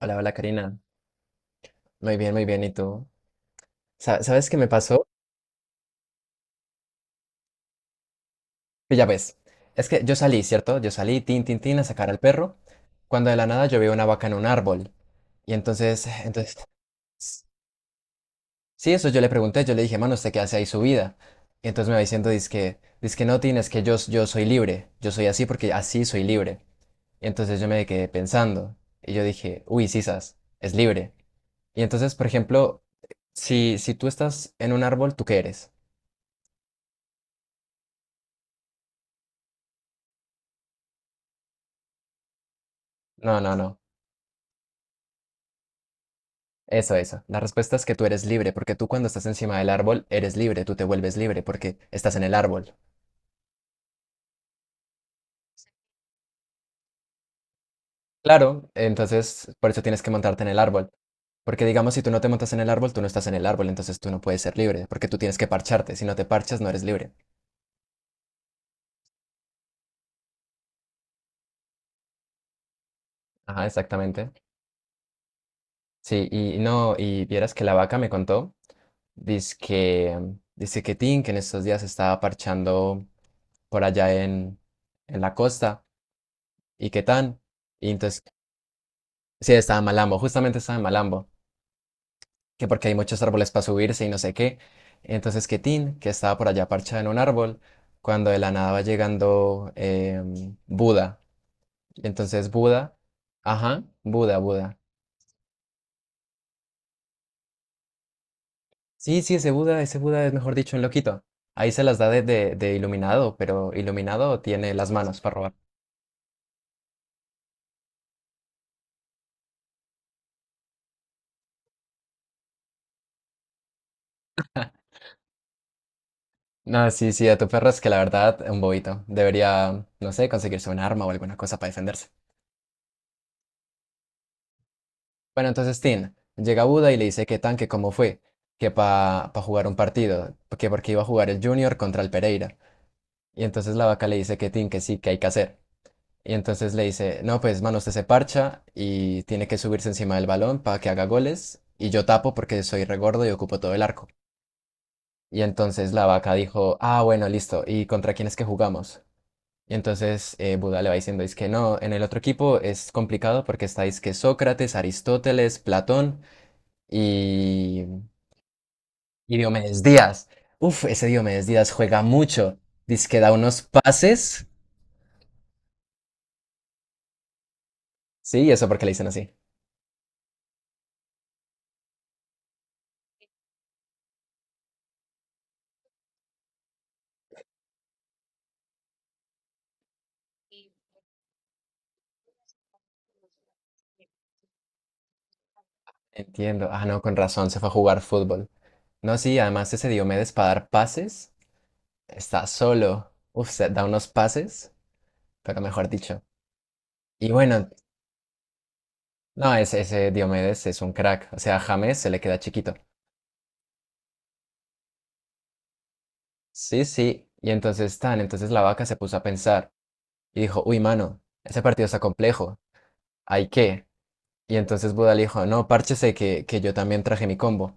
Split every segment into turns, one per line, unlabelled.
Hola, hola Karina. Muy bien, muy bien. ¿Y tú? ¿Sabes qué me pasó? Que ya ves. Es que yo salí, ¿cierto? Yo salí, tin, tin, tin, a sacar al perro. Cuando de la nada yo veo una vaca en un árbol. Y entonces, s- sí, eso yo le pregunté. Yo le dije, mano, ¿usted qué hace ahí su vida? Y entonces me va diciendo, dizque no, Tin, es que yo, yo soy libre. Yo soy así porque así soy libre. Y entonces yo me quedé pensando. Y yo dije, uy, sisas, es libre. Y entonces, por ejemplo, si tú estás en un árbol, ¿tú qué eres? No, no, no. Eso, eso. La respuesta es que tú eres libre, porque tú cuando estás encima del árbol eres libre, tú te vuelves libre porque estás en el árbol. Claro, entonces por eso tienes que montarte en el árbol. Porque digamos, si tú no te montas en el árbol, tú no estás en el árbol, entonces tú no puedes ser libre, porque tú tienes que parcharte. Si no te parchas, no eres libre. Ajá, exactamente. Sí, y no, y vieras que la vaca me contó, dice que, dice que Tin, que en estos días estaba parchando por allá en la costa, y que tan, y entonces, sí, estaba en Malambo, justamente estaba en Malambo. Que porque hay muchos árboles para subirse y no sé qué. Entonces que Tin, que estaba por allá parchada en un árbol, cuando de la nada va llegando Buda. Entonces Buda, ajá, Buda, Buda. Sí, sí, ese Buda es mejor dicho un loquito. Ahí se las da de iluminado, pero iluminado tiene las manos para robar. No, sí, sí, a tu perro es que la verdad, un bobito. Debería, no sé, conseguirse un arma o alguna cosa para defenderse. Bueno, entonces Tin llega a Buda y le dice que tan, que cómo fue, que para jugar un partido, que porque iba a jugar el Junior contra el Pereira. Y entonces la vaca le dice que Tin, que sí, que hay que hacer. Y entonces le dice, no, pues mano, usted se parcha y tiene que subirse encima del balón para que haga goles. Y yo tapo porque soy regordo y ocupo todo el arco. Y entonces la vaca dijo, ah, bueno, listo, ¿y contra quién es que jugamos? Y entonces Buda le va diciendo, es que no, en el otro equipo es complicado porque estáis que Sócrates, Aristóteles, Platón y, y Diomedes Díaz. Uf, ese Diomedes Díaz juega mucho. Dice que da unos pases. Sí, ¿y eso porque le dicen así? Entiendo. Ah, no, con razón, se fue a jugar fútbol. No, sí, además ese Diomedes para dar pases está solo. Uf, se- da unos pases, pero mejor dicho. Y bueno, no, ese Diomedes es un crack. O sea, a James se le queda chiquito. Sí, sí. Y entonces tan, entonces la vaca se puso a pensar y dijo, uy, mano, ese partido está complejo. ¿Hay qué? Y entonces Buda le dijo, no, párchese que yo también traje mi combo.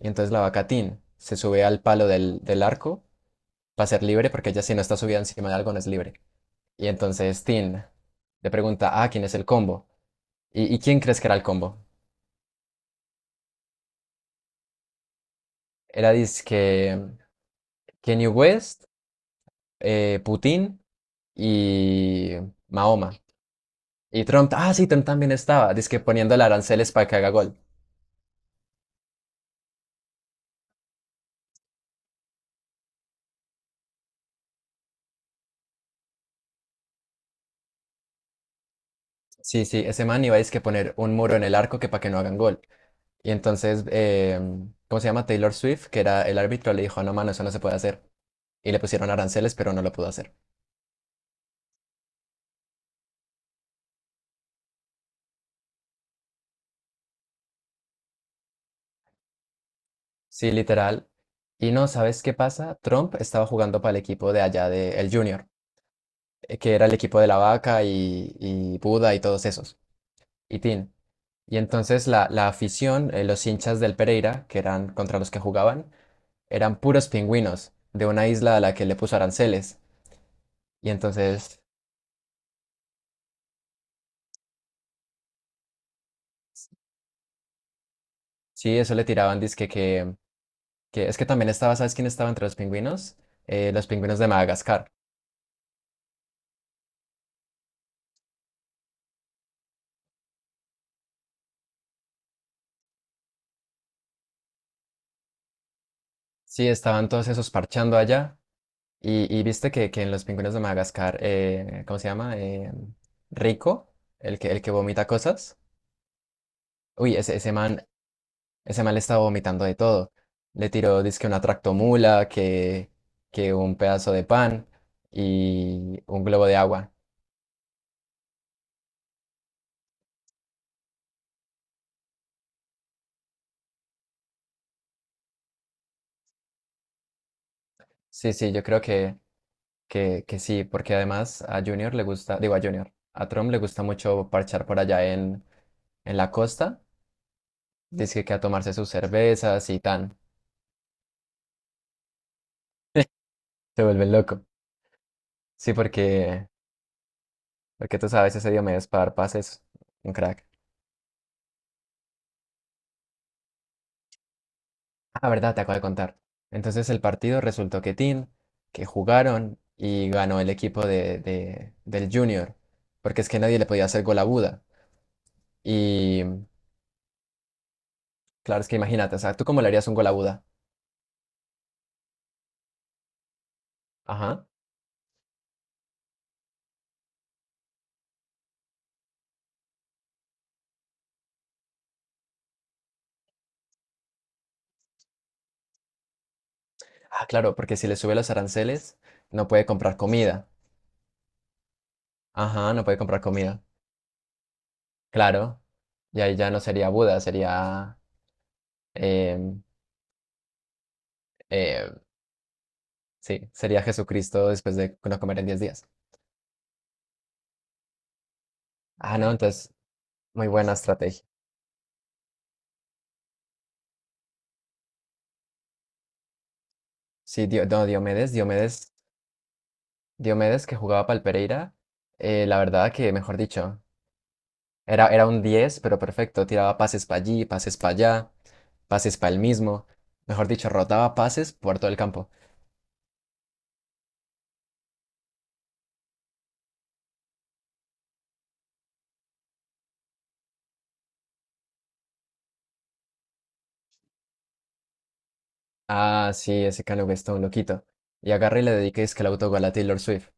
Y entonces la vaca Tin se sube al palo del arco para ser libre, porque ella si no está subida encima de algo no es libre. Y entonces Tin le pregunta, ah, ¿quién es el combo? Y quién crees que era el combo? Era dizque Kanye West, Putin y Mahoma. Y Trump, ah, sí, Trump también estaba, dizque poniéndole aranceles para que haga gol. Sí, sí, ese man iba a dizque poner un muro en el arco que para que no hagan gol. Y entonces, ¿cómo se llama? Taylor Swift, que era el árbitro, le dijo, no, mano, eso no se puede hacer. Y le pusieron aranceles, pero no lo pudo hacer. Sí, literal. Y no, ¿sabes qué pasa? Trump estaba jugando para el equipo de allá, de el Junior, que era el equipo de la vaca y Buda y todos esos, y Tin. Y entonces la afición, los hinchas del Pereira, que eran contra los que jugaban, eran puros pingüinos de una isla a la que le puso aranceles. Y entonces, sí, eso le tiraban, dizque que es que también estaba, ¿sabes quién estaba entre los pingüinos? Los pingüinos de Madagascar. Sí, estaban todos esos parchando allá. Y viste que en los pingüinos de Madagascar, ¿cómo se llama? Rico, el que vomita cosas. Uy, ese, ese man le estaba vomitando de todo. Le tiró, dizque una tractomula, que un pedazo de pan y un globo de agua. Sí, sí, yo creo que, que sí, porque además a Junior le gusta, digo a Junior, a Trump le gusta mucho parchar por allá en la costa, dice que a tomarse sus cervezas y tan, se vuelve loco. Sí, porque, porque tú sabes, ese Diomedes para dar pases un crack. Ah, verdad, te acabo de contar. Entonces el partido resultó que Tin, que jugaron y ganó el equipo de, del Junior, porque es que nadie le podía hacer gol a Buda. Y claro, es que imagínate, o sea, ¿tú cómo le harías un gol a Buda? Ajá. Ah, claro, porque si le sube los aranceles, no puede comprar comida. Ajá, no puede comprar comida. Claro, y ahí ya no sería Buda, sería, em, eh, sí, sería Jesucristo después de no comer en 10 días. Ah, no, entonces, muy buena estrategia. Sí, no, Diomedes que jugaba para el Pereira, la verdad que, mejor dicho, era un 10, pero perfecto, tiraba pases para allí, pases para allá, pases para el mismo, mejor dicho, rotaba pases por todo el campo. Ah, sí, ese Kanye West está un loquito. Y agarré y le dediqué es que el autogol a Taylor Swift.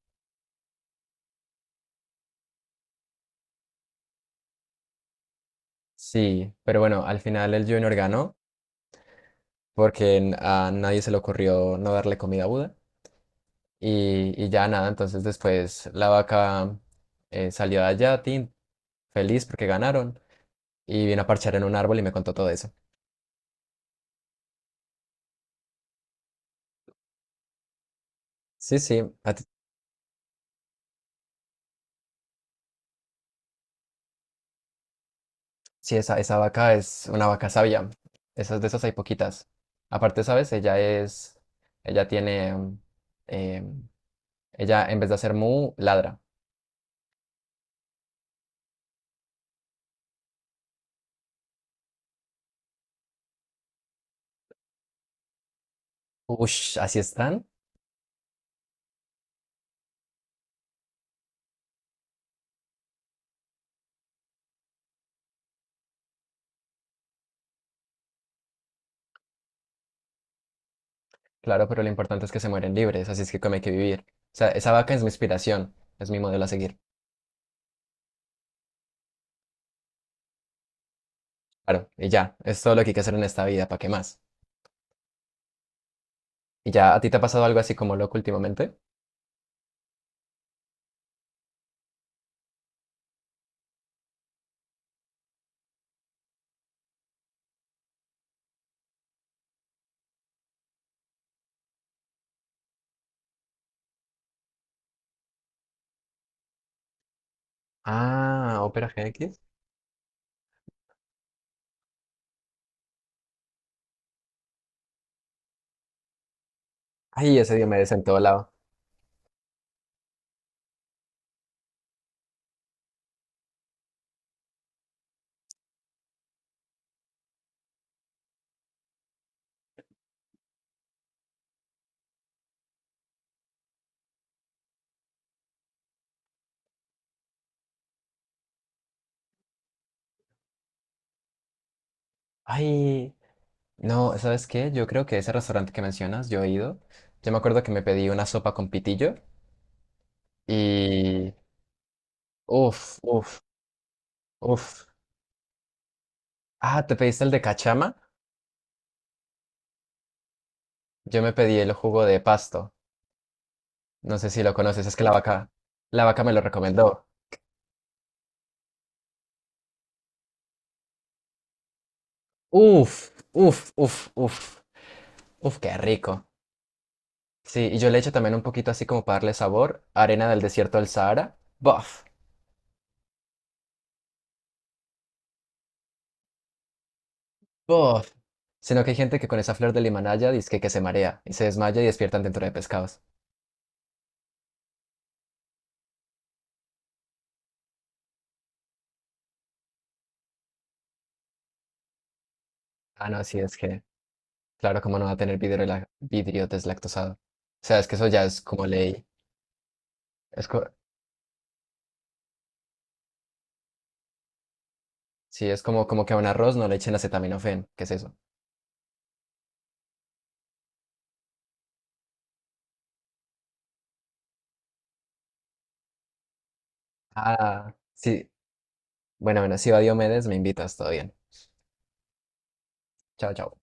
Sí, pero bueno, al final el Junior ganó porque a nadie se le ocurrió no darle comida a Buda y ya nada, entonces después la vaca salió de allá, tin, feliz porque ganaron y vino a parchar en un árbol y me contó todo eso. Sí, sí, sí, esa vaca es una vaca sabia, esas de esas hay poquitas. Aparte, ¿sabes? Ella es, ella tiene, em, ella en vez de hacer mu, ladra. Ush, así están. Claro, pero lo importante es que se mueren libres, así es que como hay que vivir. O sea, esa vaca es mi inspiración, es mi modelo a seguir. Claro, y ya, es todo lo que hay que hacer en esta vida, ¿para qué más? ¿Y ya a ti te ha pasado algo así como loco últimamente? Ah, Opera GX. Ay, ese Diomedes en todo lado. Ay, no, ¿sabes qué? Yo creo que ese restaurante que mencionas, yo he ido. Yo me acuerdo que me pedí una sopa con pitillo y... Uf, uf, uf. Ah, ¿te pediste el de cachama? Yo me pedí el jugo de pasto. No sé si lo conoces, es que la vaca me lo recomendó. Uf, uf, uf, uf, uf, qué rico. Sí, y yo le echo también un poquito así como para darle sabor, arena del desierto del Sahara. Bof, bof. Sino que hay gente que con esa flor del Himalaya dice que, se marea y se desmaya y despiertan dentro de pescados. Ah, no, sí, es que, claro, como no va a tener vidrio, la- vidrio deslactosado. O sea, es que eso ya es como ley. Es co- sí, es como, como que a un arroz no le echen acetaminofén. ¿Qué es eso? Ah, sí. Bueno, bueno, si va Diomedes, me invitas, todo bien. Chao, chao.